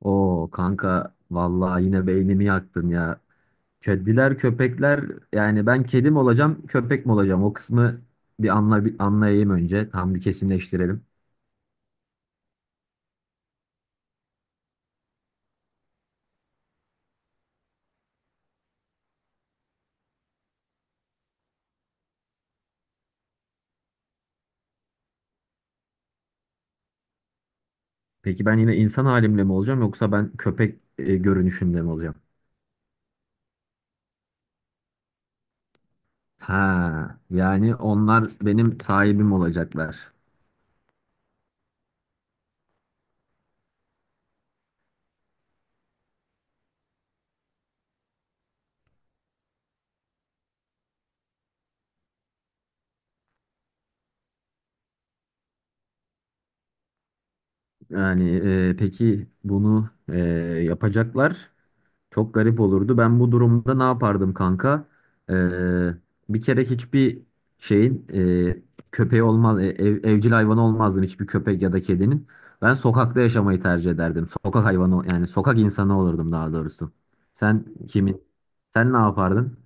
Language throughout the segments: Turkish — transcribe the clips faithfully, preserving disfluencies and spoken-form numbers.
Oo kanka vallahi yine beynimi yaktın ya. Kediler köpekler yani ben kedi mi olacağım köpek mi olacağım o kısmı bir anla bir anlayayım önce tam bir kesinleştirelim. Peki ben yine insan halimle mi olacağım yoksa ben köpek e, görünüşümle mi olacağım? Ha yani onlar benim sahibim olacaklar. Yani e, peki bunu e, yapacaklar. Çok garip olurdu. Ben bu durumda ne yapardım kanka? Ee, Bir kere hiçbir şeyin e, köpeği olmaz, e, ev- evcil hayvanı olmazdım hiçbir köpek ya da kedinin. Ben sokakta yaşamayı tercih ederdim. Sokak hayvanı yani sokak insanı olurdum daha doğrusu. Sen kimin? Sen ne yapardın?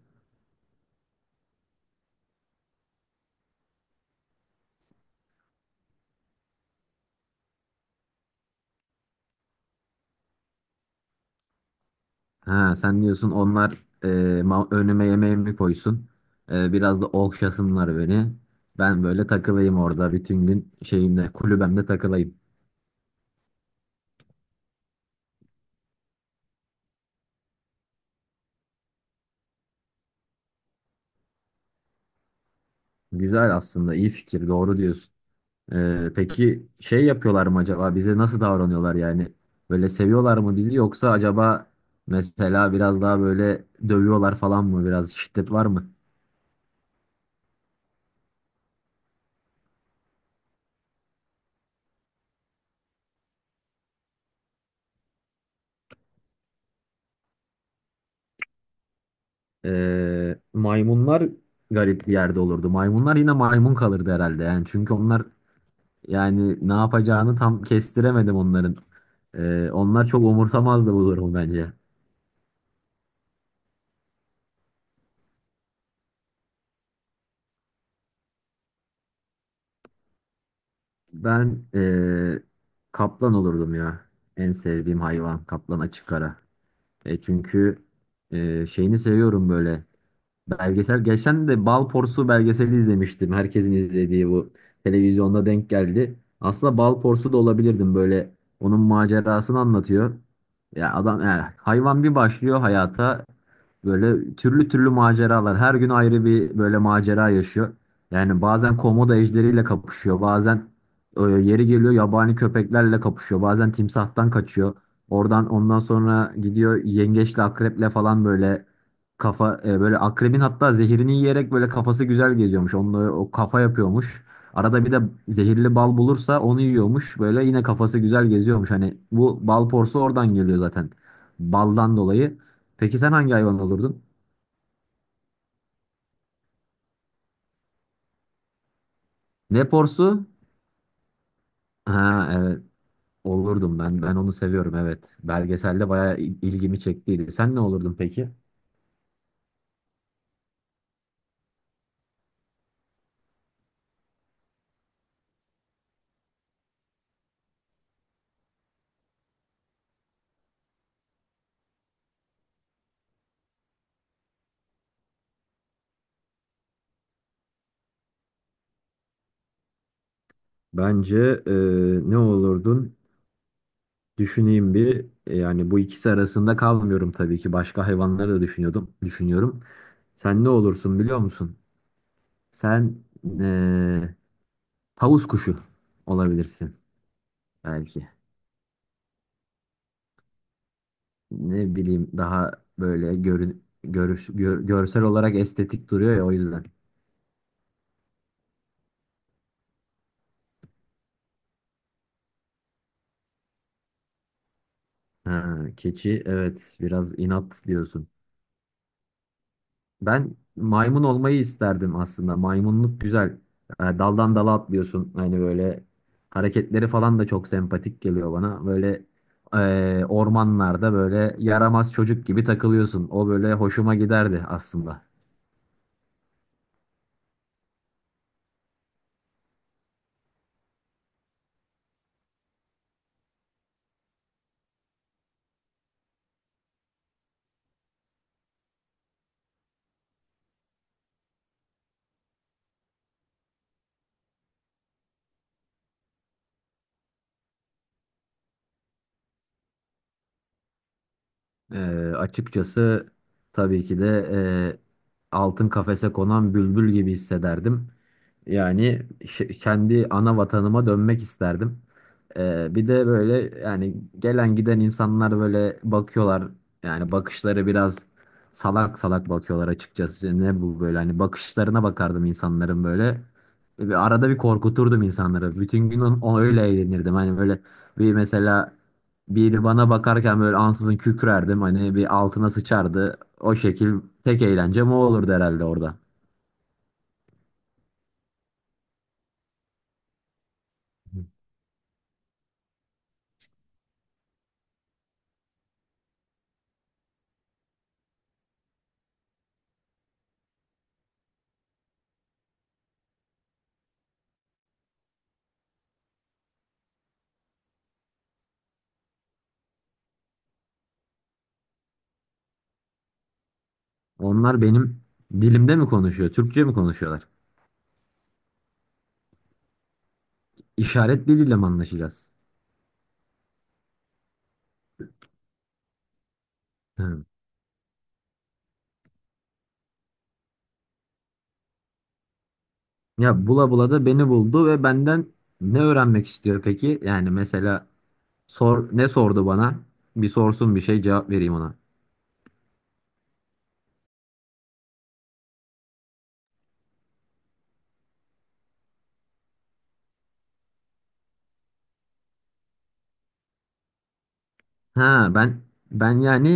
Ha, sen diyorsun onlar e, ma- önüme yemeğimi koysun. E, biraz da okşasınlar beni. Ben böyle takılayım orada bütün gün şeyimde kulübemde takılayım. Güzel aslında iyi fikir doğru diyorsun. Ee, peki şey yapıyorlar mı acaba bize nasıl davranıyorlar yani böyle seviyorlar mı bizi yoksa acaba mesela biraz daha böyle dövüyorlar falan mı biraz şiddet var mı? Ee, maymunlar garip bir yerde olurdu. Maymunlar yine maymun kalırdı herhalde yani çünkü onlar yani ne yapacağını tam kestiremedim onların. Ee, onlar çok umursamazdı bu durumu bence. Ben eee, kaplan olurdum ya. En sevdiğim hayvan kaplan açık ara. E, çünkü eee, şeyini seviyorum böyle. Belgesel geçen de Balporsu belgeseli izlemiştim. Herkesin izlediği bu televizyonda denk geldi. Aslında Balporsu da olabilirdim böyle. Onun macerasını anlatıyor. Ya adam yani hayvan bir başlıyor hayata böyle türlü türlü maceralar. Her gün ayrı bir böyle macera yaşıyor. Yani bazen komodo ejderiyle kapışıyor. Bazen e, yeri geliyor yabani köpeklerle kapışıyor. Bazen timsahtan kaçıyor. Oradan ondan sonra gidiyor yengeçle akreple falan böyle kafa e, böyle akrebin hatta zehirini yiyerek böyle kafası güzel geziyormuş. Onunla o kafa yapıyormuş. Arada bir de zehirli bal bulursa onu yiyormuş. Böyle yine kafası güzel geziyormuş. Hani bu bal porsu oradan geliyor zaten. Baldan dolayı. Peki sen hangi hayvan olurdun? Ne porsu? Ha evet olurdum ben. Ben onu seviyorum evet. Belgeselde bayağı il- ilgimi çektiydi. Sen ne olurdun peki? Bence e, ne olurdun? Düşüneyim bir. E, Yani bu ikisi arasında kalmıyorum tabii ki. Başka hayvanları da düşünüyordum, düşünüyorum. Sen ne olursun biliyor musun? Sen e, tavus kuşu olabilirsin belki. Ne bileyim daha böyle görün, görüş, gör- görsel olarak estetik duruyor ya o yüzden. Ha, keçi evet biraz inat diyorsun. Ben maymun olmayı isterdim aslında. Maymunluk güzel. E, Daldan dala atlıyorsun. Hani böyle hareketleri falan da çok sempatik geliyor bana. Böyle e, ormanlarda böyle yaramaz çocuk gibi takılıyorsun. O böyle hoşuma giderdi aslında. E, Açıkçası tabii ki de e, altın kafese konan bülbül gibi hissederdim. Yani ş- kendi ana vatanıma dönmek isterdim. Ee, bir de böyle yani gelen giden insanlar böyle bakıyorlar. Yani bakışları biraz salak salak bakıyorlar açıkçası. Ne bu böyle hani bakışlarına bakardım insanların böyle. Bir arada bir korkuturdum insanları. Bütün gün on, o öyle eğlenirdim. Hani böyle bir mesela biri bana bakarken böyle ansızın kükrerdim. Hani bir altına sıçardı. O şekil tek eğlencem o olurdu herhalde orada. Onlar benim dilimde mi konuşuyor? Türkçe mi konuşuyorlar? İşaret diliyle mi anlaşacağız? Hı. Ya bula bula da beni buldu ve benden ne öğrenmek istiyor peki? Yani mesela sor ne sordu bana? Bir sorsun bir şey cevap vereyim ona. Ha ben ben yani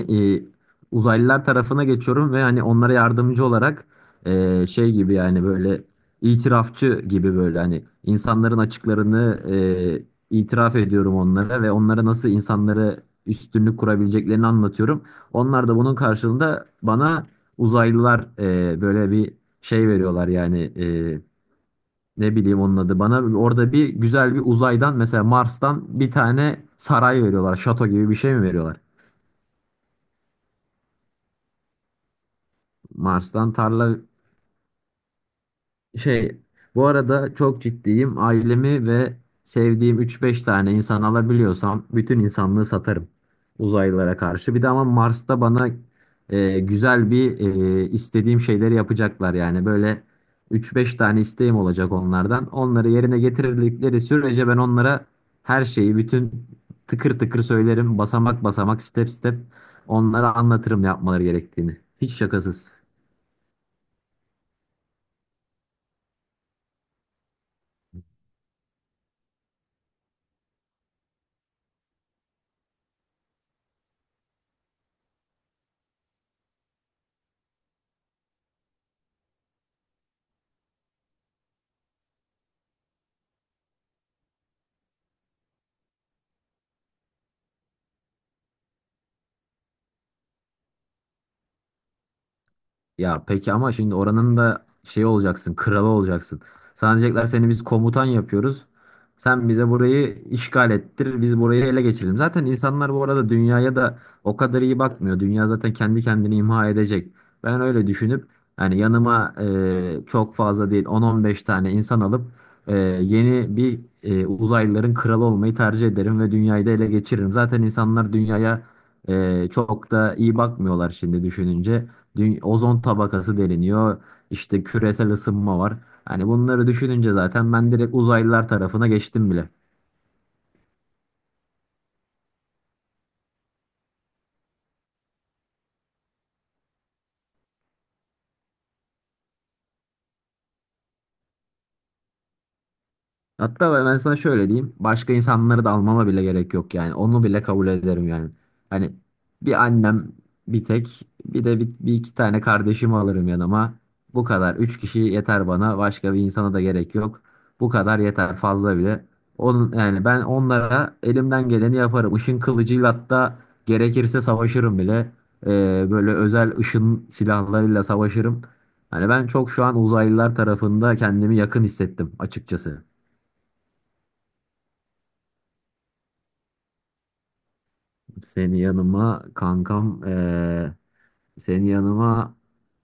e, uzaylılar tarafına geçiyorum ve hani onlara yardımcı olarak e, şey gibi yani böyle itirafçı gibi böyle hani insanların açıklarını e, itiraf ediyorum onlara ve onlara nasıl insanlara üstünlük kurabileceklerini anlatıyorum. Onlar da bunun karşılığında bana uzaylılar e, böyle bir şey veriyorlar yani e, ne bileyim onun adı bana orada bir güzel bir uzaydan mesela Mars'tan bir tane saray veriyorlar şato gibi bir şey mi veriyorlar? Mars'tan tarla şey bu arada çok ciddiyim. Ailemi ve sevdiğim üç beş tane insan alabiliyorsam bütün insanlığı satarım uzaylılara karşı. Bir de ama Mars'ta bana e, güzel bir e, istediğim şeyleri yapacaklar yani. Böyle üç beş tane isteğim olacak onlardan. Onları yerine getirdikleri sürece ben onlara her şeyi bütün tıkır tıkır söylerim. Basamak basamak step step onlara anlatırım yapmaları gerektiğini. Hiç şakasız. Ya peki ama şimdi oranın da şey olacaksın, kralı olacaksın. Sana diyecekler seni biz komutan yapıyoruz. Sen bize burayı işgal ettir, biz burayı ele geçirelim. Zaten insanlar bu arada dünyaya da o kadar iyi bakmıyor. Dünya zaten kendi kendini imha edecek. Ben öyle düşünüp yani yanıma e, çok fazla değil on on beş tane insan alıp e, yeni bir e, uzaylıların kralı olmayı tercih ederim ve dünyayı da ele geçiririm. Zaten insanlar dünyaya e, çok da iyi bakmıyorlar şimdi düşününce dü- ozon tabakası deliniyor. İşte küresel ısınma var. Hani bunları düşününce zaten ben direkt uzaylılar tarafına geçtim bile. Hatta ben sana şöyle diyeyim. Başka insanları da almama bile gerek yok yani. Onu bile kabul ederim yani. Hani bir annem bir tek bir de bir, bir iki tane kardeşimi alırım yanıma. Bu kadar. Üç kişi yeter bana. Başka bir insana da gerek yok. Bu kadar yeter fazla bile. Onun, yani ben onlara elimden geleni yaparım. Işın kılıcıyla hatta gerekirse savaşırım bile. Ee, böyle özel ışın silahlarıyla savaşırım. Hani ben çok şu an uzaylılar tarafında kendimi yakın hissettim açıkçası. Seni yanıma kankam eee, seni yanıma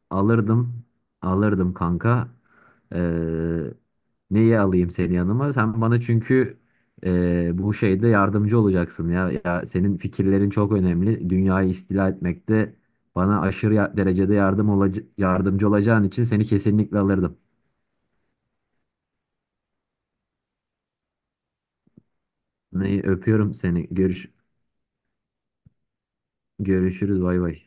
alırdım alırdım kanka. Eee Neyi alayım seni yanıma? Sen bana çünkü eee, bu şeyde yardımcı olacaksın ya. Ya senin fikirlerin çok önemli. Dünyayı istila etmekte bana aşırı ya- derecede yardım olaca- yardımcı olacağın için seni kesinlikle alırdım. Neyi öpüyorum seni. Görüş görüşürüz bay bay.